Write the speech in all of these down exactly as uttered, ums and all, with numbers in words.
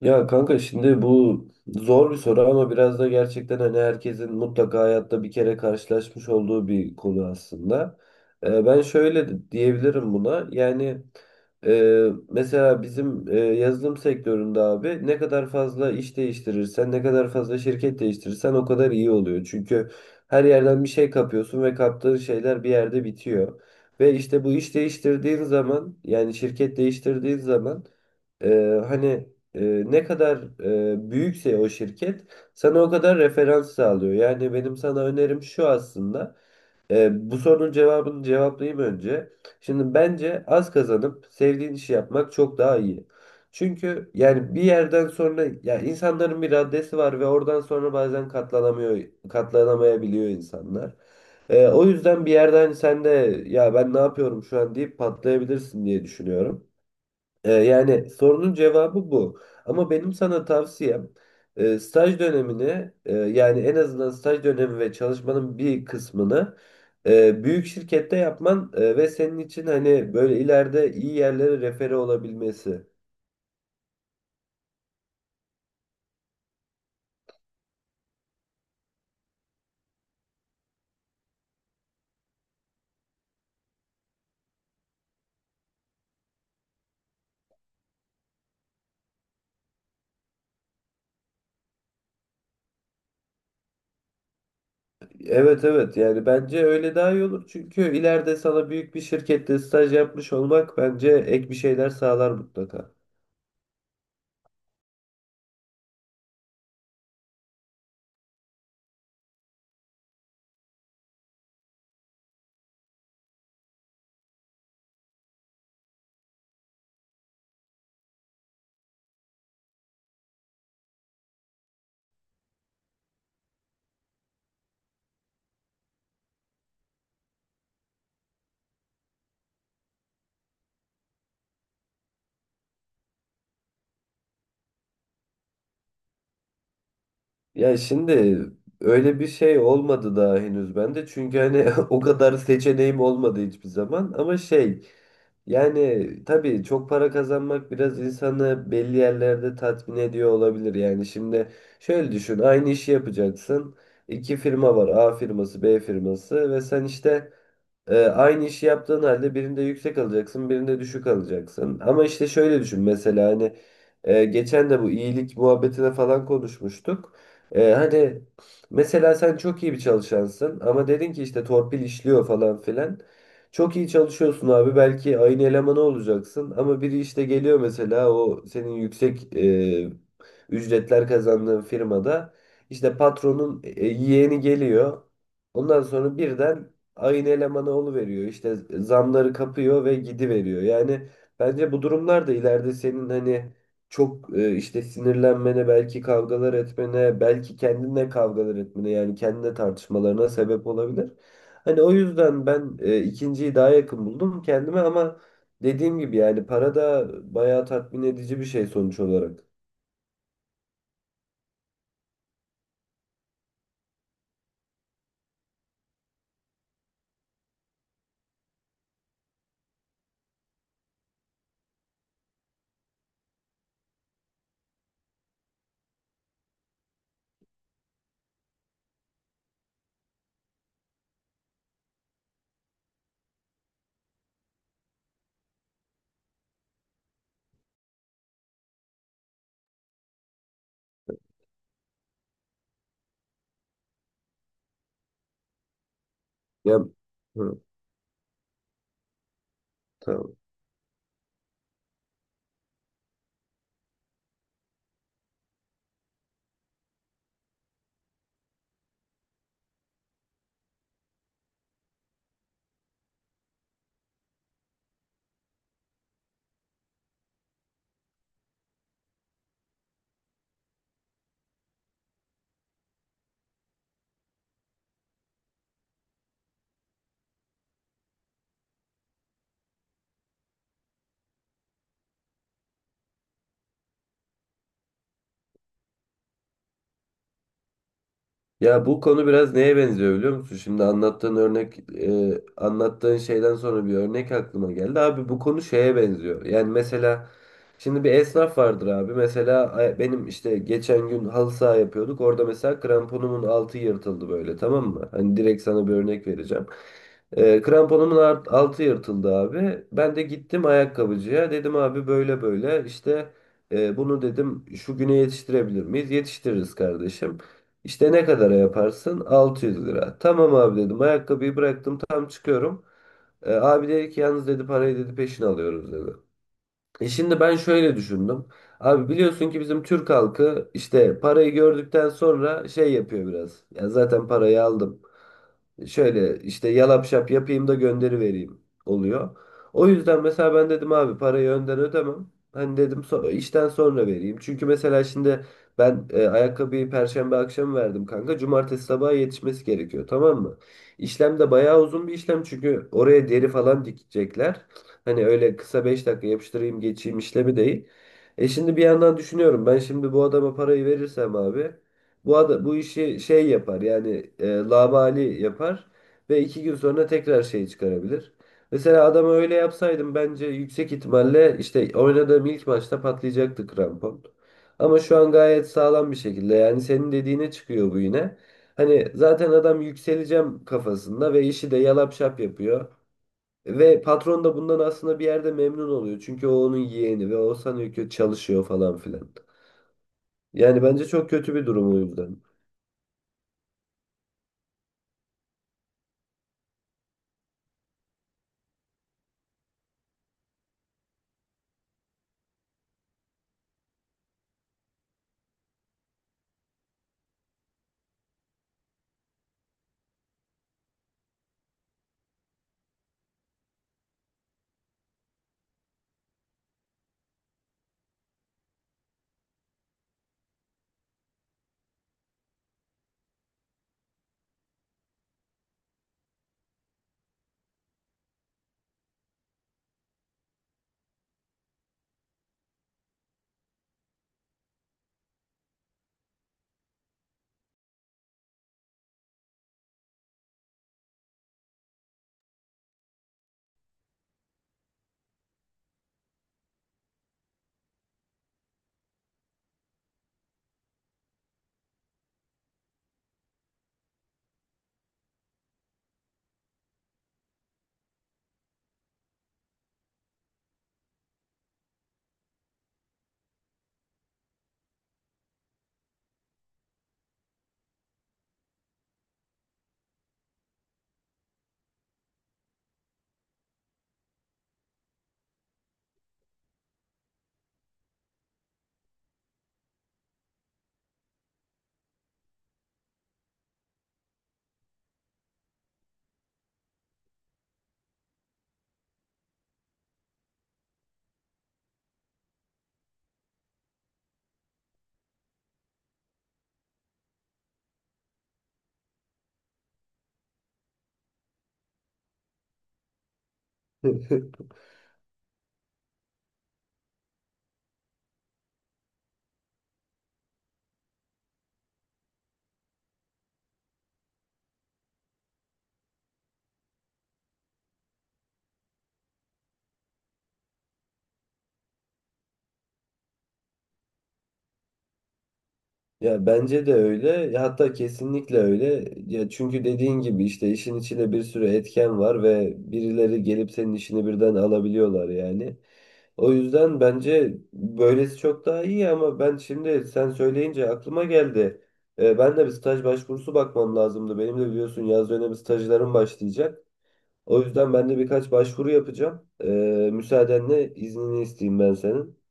Ya kanka şimdi bu zor bir soru ama biraz da gerçekten hani herkesin mutlaka hayatta bir kere karşılaşmış olduğu bir konu aslında. Ee, ben şöyle de- diyebilirim buna. Yani e, mesela bizim e, yazılım sektöründe abi ne kadar fazla iş değiştirirsen, ne kadar fazla şirket değiştirirsen o kadar iyi oluyor. Çünkü her yerden bir şey kapıyorsun ve kaptığın şeyler bir yerde bitiyor. Ve işte bu iş değiştirdiğin zaman yani şirket değiştirdiğin zaman ee, hani e, ne kadar e, büyükse o şirket sana o kadar referans sağlıyor. Yani benim sana önerim şu aslında. E, bu sorunun cevabını cevaplayayım önce. Şimdi bence az kazanıp sevdiğin işi yapmak çok daha iyi. Çünkü yani bir yerden sonra ya insanların bir raddesi var ve oradan sonra bazen katlanamıyor, katlanamayabiliyor insanlar. E, o yüzden bir yerden sen de ya ben ne yapıyorum şu an deyip patlayabilirsin diye düşünüyorum. Ee, yani sorunun cevabı bu. Ama benim sana tavsiyem e, staj dönemini e, yani en azından staj dönemi ve çalışmanın bir kısmını e, büyük şirkette yapman e, ve senin için hani böyle ileride iyi yerlere refere olabilmesi. Evet evet, yani bence öyle daha iyi olur. Çünkü ileride sana büyük bir şirkette staj yapmış olmak bence ek bir şeyler sağlar mutlaka. Ya şimdi öyle bir şey olmadı daha henüz bende. Çünkü hani o kadar seçeneğim olmadı hiçbir zaman. Ama şey, yani tabii çok para kazanmak biraz insanı belli yerlerde tatmin ediyor olabilir. Yani şimdi şöyle düşün, aynı işi yapacaksın. İki firma var, A firması B firması, ve sen işte ee, aynı işi yaptığın halde birinde yüksek alacaksın, birinde düşük alacaksın. Ama işte şöyle düşün mesela hani e, geçen de bu iyilik muhabbetine falan konuşmuştuk. Ee, hani mesela sen çok iyi bir çalışansın ama dedin ki işte torpil işliyor falan filan. Çok iyi çalışıyorsun abi, belki aynı elemanı olacaksın ama biri işte geliyor mesela, o senin yüksek e, ücretler kazandığın firmada işte patronun e, yeğeni geliyor. Ondan sonra birden aynı elemanı veriyor, işte zamları kapıyor ve gidiveriyor. Yani bence bu durumlar da ileride senin hani çok e, işte sinirlenmene, belki kavgalar etmene, belki kendinle kavgalar etmene yani kendine tartışmalarına sebep olabilir. Hani o yüzden ben e, ikinciyi daha yakın buldum kendime, ama dediğim gibi yani para da bayağı tatmin edici bir şey sonuç olarak. Ya, hı, tamam. Ya bu konu biraz neye benziyor biliyor musun? Şimdi anlattığın örnek, e, anlattığın şeyden sonra bir örnek aklıma geldi. Abi bu konu şeye benziyor. Yani mesela şimdi bir esnaf vardır abi. Mesela ay- benim işte geçen gün halı saha yapıyorduk. Orada mesela kramponumun altı yırtıldı böyle, tamam mı? Hani direkt sana bir örnek vereceğim. E, kramponumun art- altı yırtıldı abi. Ben de gittim ayakkabıcıya. Dedim abi, böyle böyle işte e, bunu dedim şu güne yetiştirebilir miyiz? Yetiştiririz kardeşim. İşte ne kadara yaparsın? altı yüz lira. Tamam abi dedim. Ayakkabıyı bıraktım. Tam çıkıyorum. E, abi dedi ki, yalnız dedi, parayı dedi peşin alıyoruz dedi. E şimdi ben şöyle düşündüm. Abi biliyorsun ki bizim Türk halkı işte parayı gördükten sonra şey yapıyor biraz. Ya zaten parayı aldım, şöyle işte yalap şap yapayım da gönderivereyim oluyor. O yüzden mesela ben dedim abi parayı önden ödemem. Hani dedim so- işten sonra vereyim. Çünkü mesela şimdi ben e, ayakkabıyı perşembe akşamı verdim kanka. Cumartesi sabaha yetişmesi gerekiyor, tamam mı? İşlem de bayağı uzun bir işlem çünkü oraya deri falan dikecekler. Hani öyle kısa beş dakika yapıştırayım geçeyim işlemi değil. E şimdi bir yandan düşünüyorum, ben şimdi bu adama parayı verirsem abi bu ada, bu işi şey yapar yani, e, labali yapar ve iki gün sonra tekrar şey çıkarabilir. Mesela adama öyle yapsaydım bence yüksek ihtimalle işte oynadığım ilk maçta patlayacaktı krampon. Ama şu an gayet sağlam bir şekilde, yani senin dediğine çıkıyor bu yine. Hani zaten adam yükseleceğim kafasında ve işi de yalap şap yapıyor. Ve patron da bundan aslında bir yerde memnun oluyor. Çünkü o onun yeğeni ve o sanıyor ki çalışıyor falan filan. Yani bence çok kötü bir durum o yüzden. Ya bence de öyle. Ya hatta kesinlikle öyle. Ya çünkü dediğin gibi işte işin içinde bir sürü etken var ve birileri gelip senin işini birden alabiliyorlar yani. O yüzden bence böylesi çok daha iyi, ama ben şimdi sen söyleyince aklıma geldi. Ee, ben de bir staj başvurusu bakmam lazımdı. Benim de biliyorsun yaz dönemi stajlarım başlayacak. O yüzden ben de birkaç başvuru yapacağım. Ee, müsaadenle iznini isteyeyim ben senin.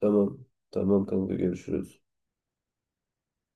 Tamam. Tamam kanka, görüşürüz.